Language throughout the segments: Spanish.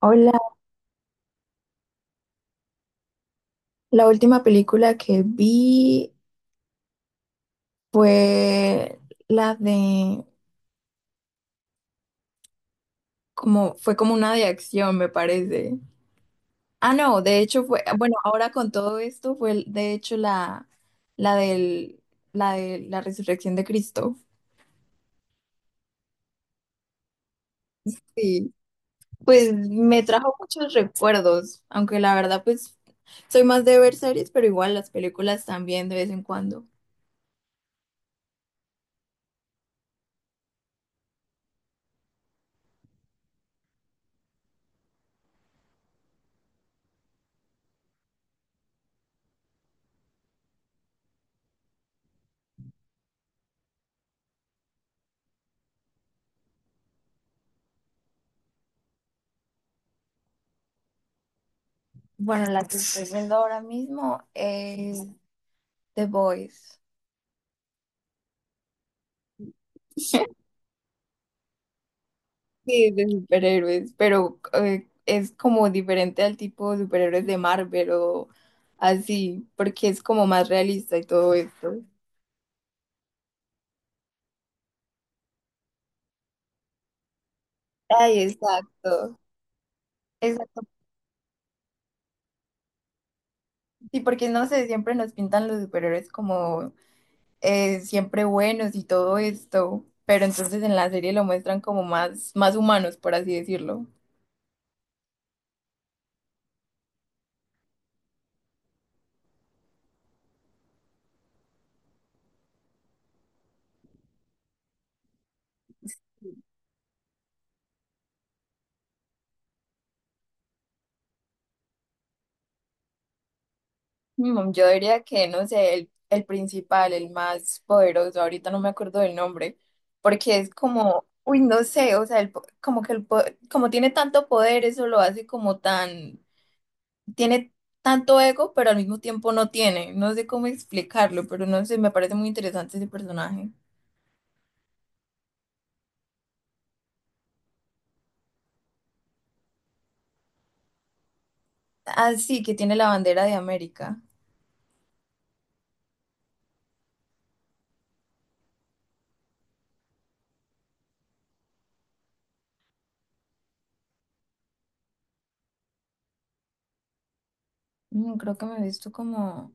Hola, la última película que vi fue la de como fue como una de acción, me parece. Ah, no, de hecho fue, bueno, ahora con todo esto fue el- de hecho la del la de la resurrección de Cristo. Sí, pues me trajo muchos recuerdos, aunque la verdad pues soy más de ver series, pero igual las películas también de vez en cuando. Bueno, la que estoy viendo ahora mismo es The Boys. Sí, de superhéroes, pero es como diferente al tipo de superhéroes de Marvel o así, porque es como más realista y todo esto. Ay, exacto, exacto. Sí, porque no sé, siempre nos pintan los superhéroes como siempre buenos y todo esto, pero entonces en la serie lo muestran como más, más humanos, por así decirlo. Yo diría que, no sé, el principal, el más poderoso, ahorita no me acuerdo del nombre, porque es como, uy, no sé, o sea, el po- como que el, po- como tiene tanto poder, eso lo hace como tan, tiene tanto ego, pero al mismo tiempo no tiene, no sé cómo explicarlo, pero no sé, me parece muy interesante ese personaje. Ah, sí, que tiene la bandera de América. Creo que me he visto como...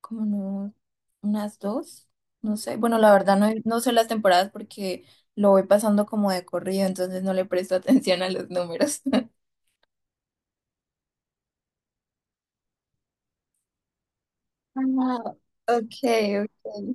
como no, unas dos, no sé. Bueno, la verdad no, he- no sé las temporadas porque lo voy pasando como de corrido, entonces no le presto atención a los números. Ah, okay, okay.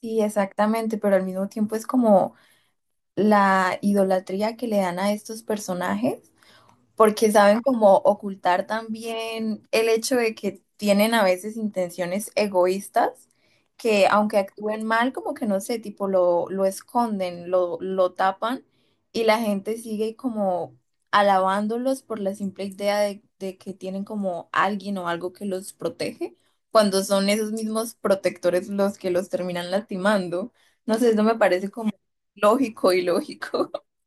Sí, exactamente, pero al mismo tiempo es como la idolatría que le dan a estos personajes porque saben como ocultar también el hecho de que tienen a veces intenciones egoístas, que aunque actúen mal, como que no sé, tipo lo esconden, lo tapan y la gente sigue como alabándolos por la simple idea de que tienen como alguien o algo que los protege, cuando son esos mismos protectores los que los terminan lastimando. No sé, eso me parece como lógico y lógico.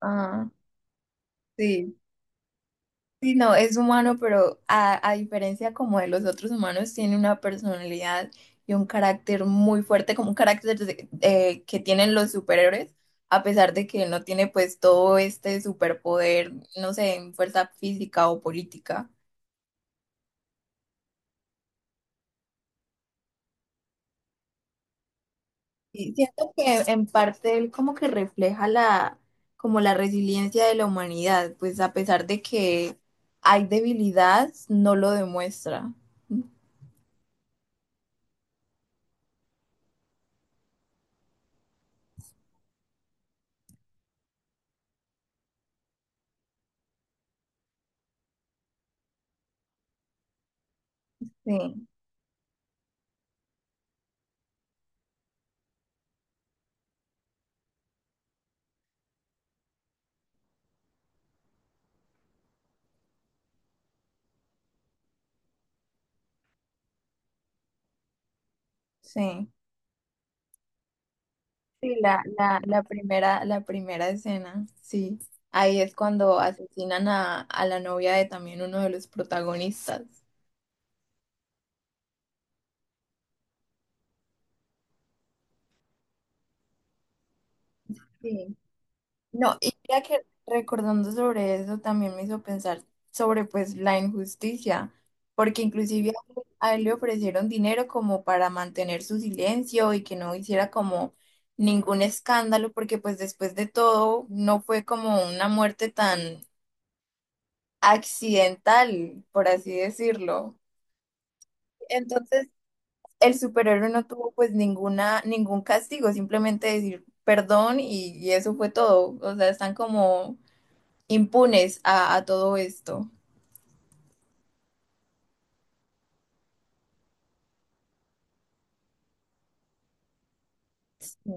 Ah, sí. Sí, no, es humano, pero a diferencia como de los otros humanos, tiene una personalidad y un carácter muy fuerte, como un carácter de- que tienen los superhéroes, a pesar de que no tiene pues todo este superpoder, no sé, en fuerza física o política. Y siento que en parte él como que refleja la, como la resiliencia de la humanidad, pues a pesar de que hay debilidad, no lo demuestra. Sí, sí. Sí, la primera, la primera escena, sí. Ahí es cuando asesinan a la novia de también uno de los protagonistas. Sí. No, y ya que recordando sobre eso también me hizo pensar sobre pues la injusticia, porque inclusive a él le ofrecieron dinero como para mantener su silencio y que no hiciera como ningún escándalo, porque pues después de todo no fue como una muerte tan accidental, por así decirlo. Entonces, el superhéroe no tuvo pues ninguna, ningún castigo, simplemente decir perdón y eso fue todo. O sea, están como impunes a todo esto. Sí.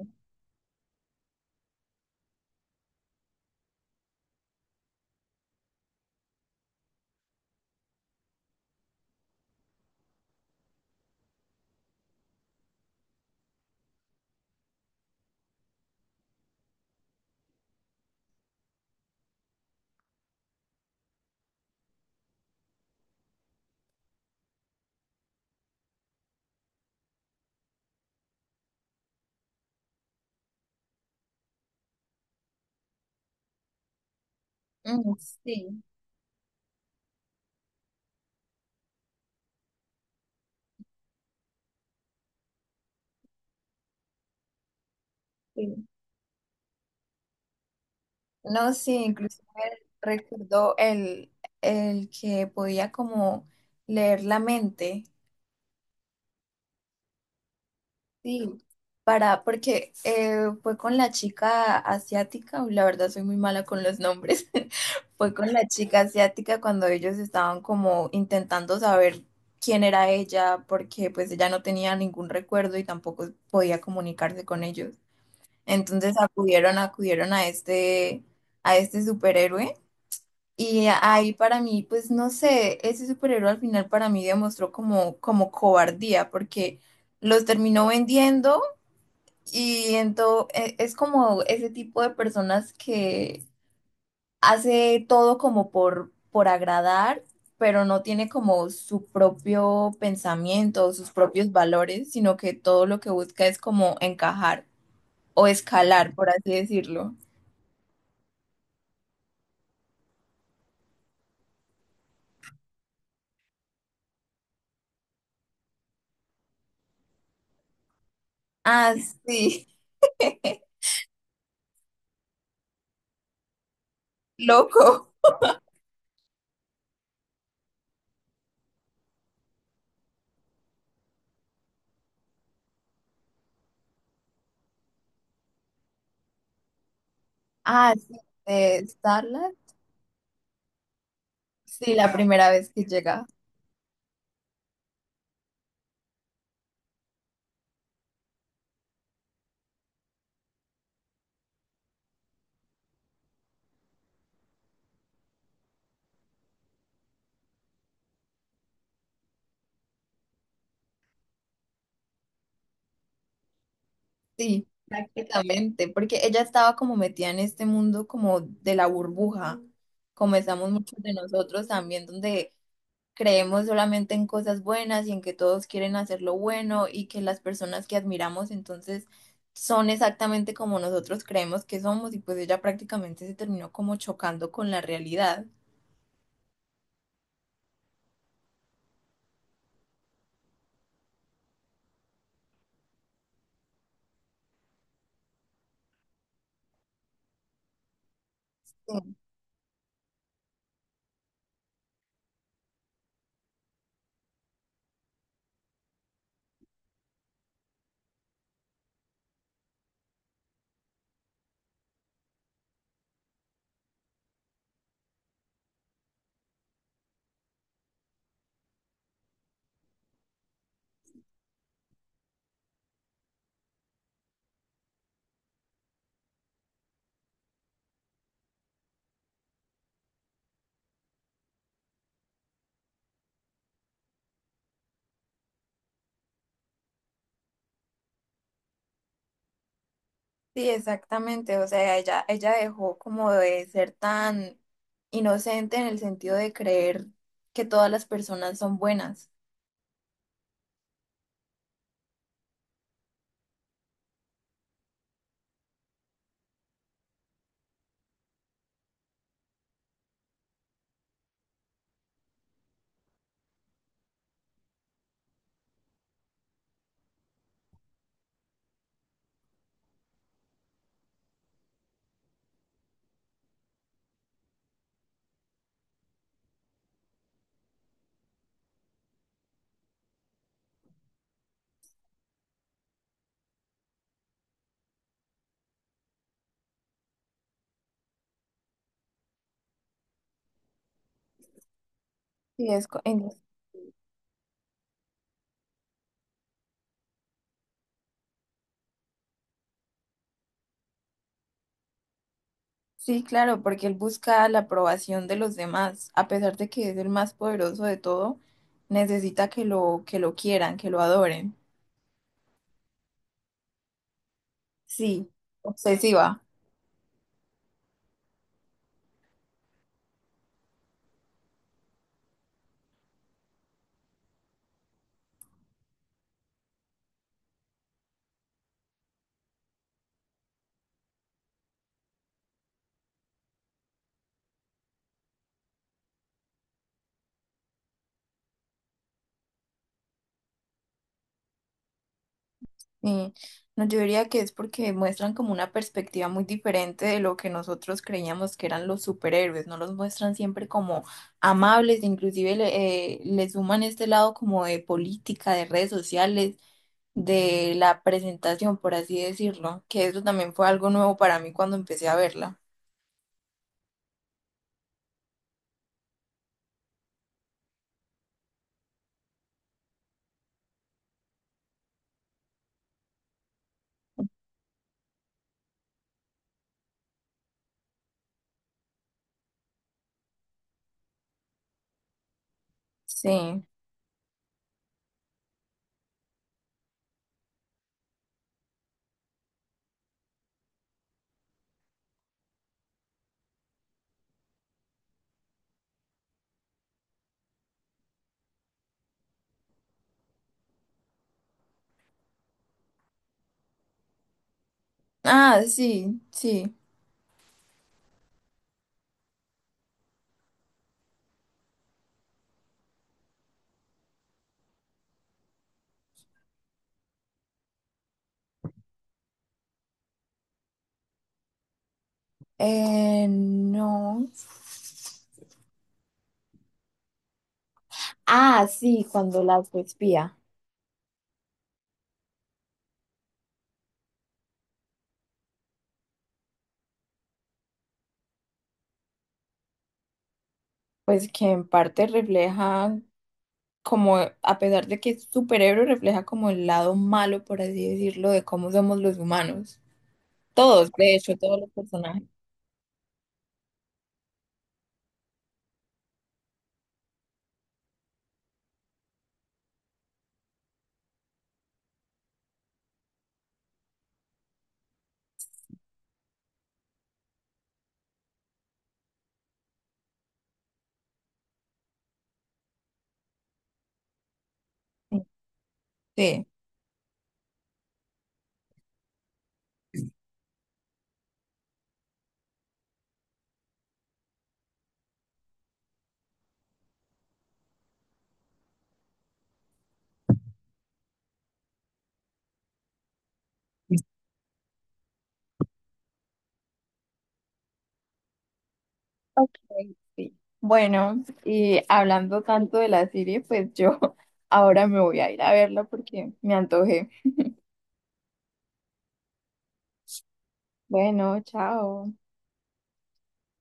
Mm, sí, sí. No, sí, inclusive recuerdo el que podía como leer la mente. Sí, para, porque fue con la chica asiática, uy, la verdad soy muy mala con los nombres, fue con la chica asiática cuando ellos estaban como intentando saber quién era ella, porque pues ella no tenía ningún recuerdo y tampoco podía comunicarse con ellos. Entonces acudieron a este superhéroe. Y ahí para mí, pues no sé, ese superhéroe al final para mí demostró como, como cobardía, porque los terminó vendiendo y entonces es como ese tipo de personas que hace todo como por agradar, pero no tiene como su propio pensamiento, sus propios valores, sino que todo lo que busca es como encajar o escalar, por así decirlo. Ah, sí, loco. Ah, sí, de Starlight. Sí, la primera vez que llega. Sí. Exactamente, porque ella estaba como metida en este mundo como de la burbuja, como estamos muchos de nosotros también, donde creemos solamente en cosas buenas y en que todos quieren hacer lo bueno y que las personas que admiramos entonces son exactamente como nosotros creemos que somos y pues ella prácticamente se terminó como chocando con la realidad. Sí, sí, exactamente, o sea, ella dejó como de ser tan inocente en el sentido de creer que todas las personas son buenas. Sí, es co- en- sí, claro, porque él busca la aprobación de los demás, a pesar de que es el más poderoso de todo, necesita que lo quieran, que lo adoren. Sí, obsesiva. Sí. No, yo diría que es porque muestran como una perspectiva muy diferente de lo que nosotros creíamos que eran los superhéroes, no los muestran siempre como amables, inclusive le, le suman este lado como de política, de redes sociales de la presentación, por así decirlo, que eso también fue algo nuevo para mí cuando empecé a verla. Sí. Ah, sí, sí. No. Ah, sí, cuando la espía. Pues que en parte refleja como, a pesar de que es superhéroe, refleja como el lado malo, por así decirlo, de cómo somos los humanos. Todos, de hecho, todos los personajes. Sí. Ok, sí. Bueno, y hablando tanto de la serie, pues yo ahora me voy a ir a verla porque me antojé. Bueno, chao.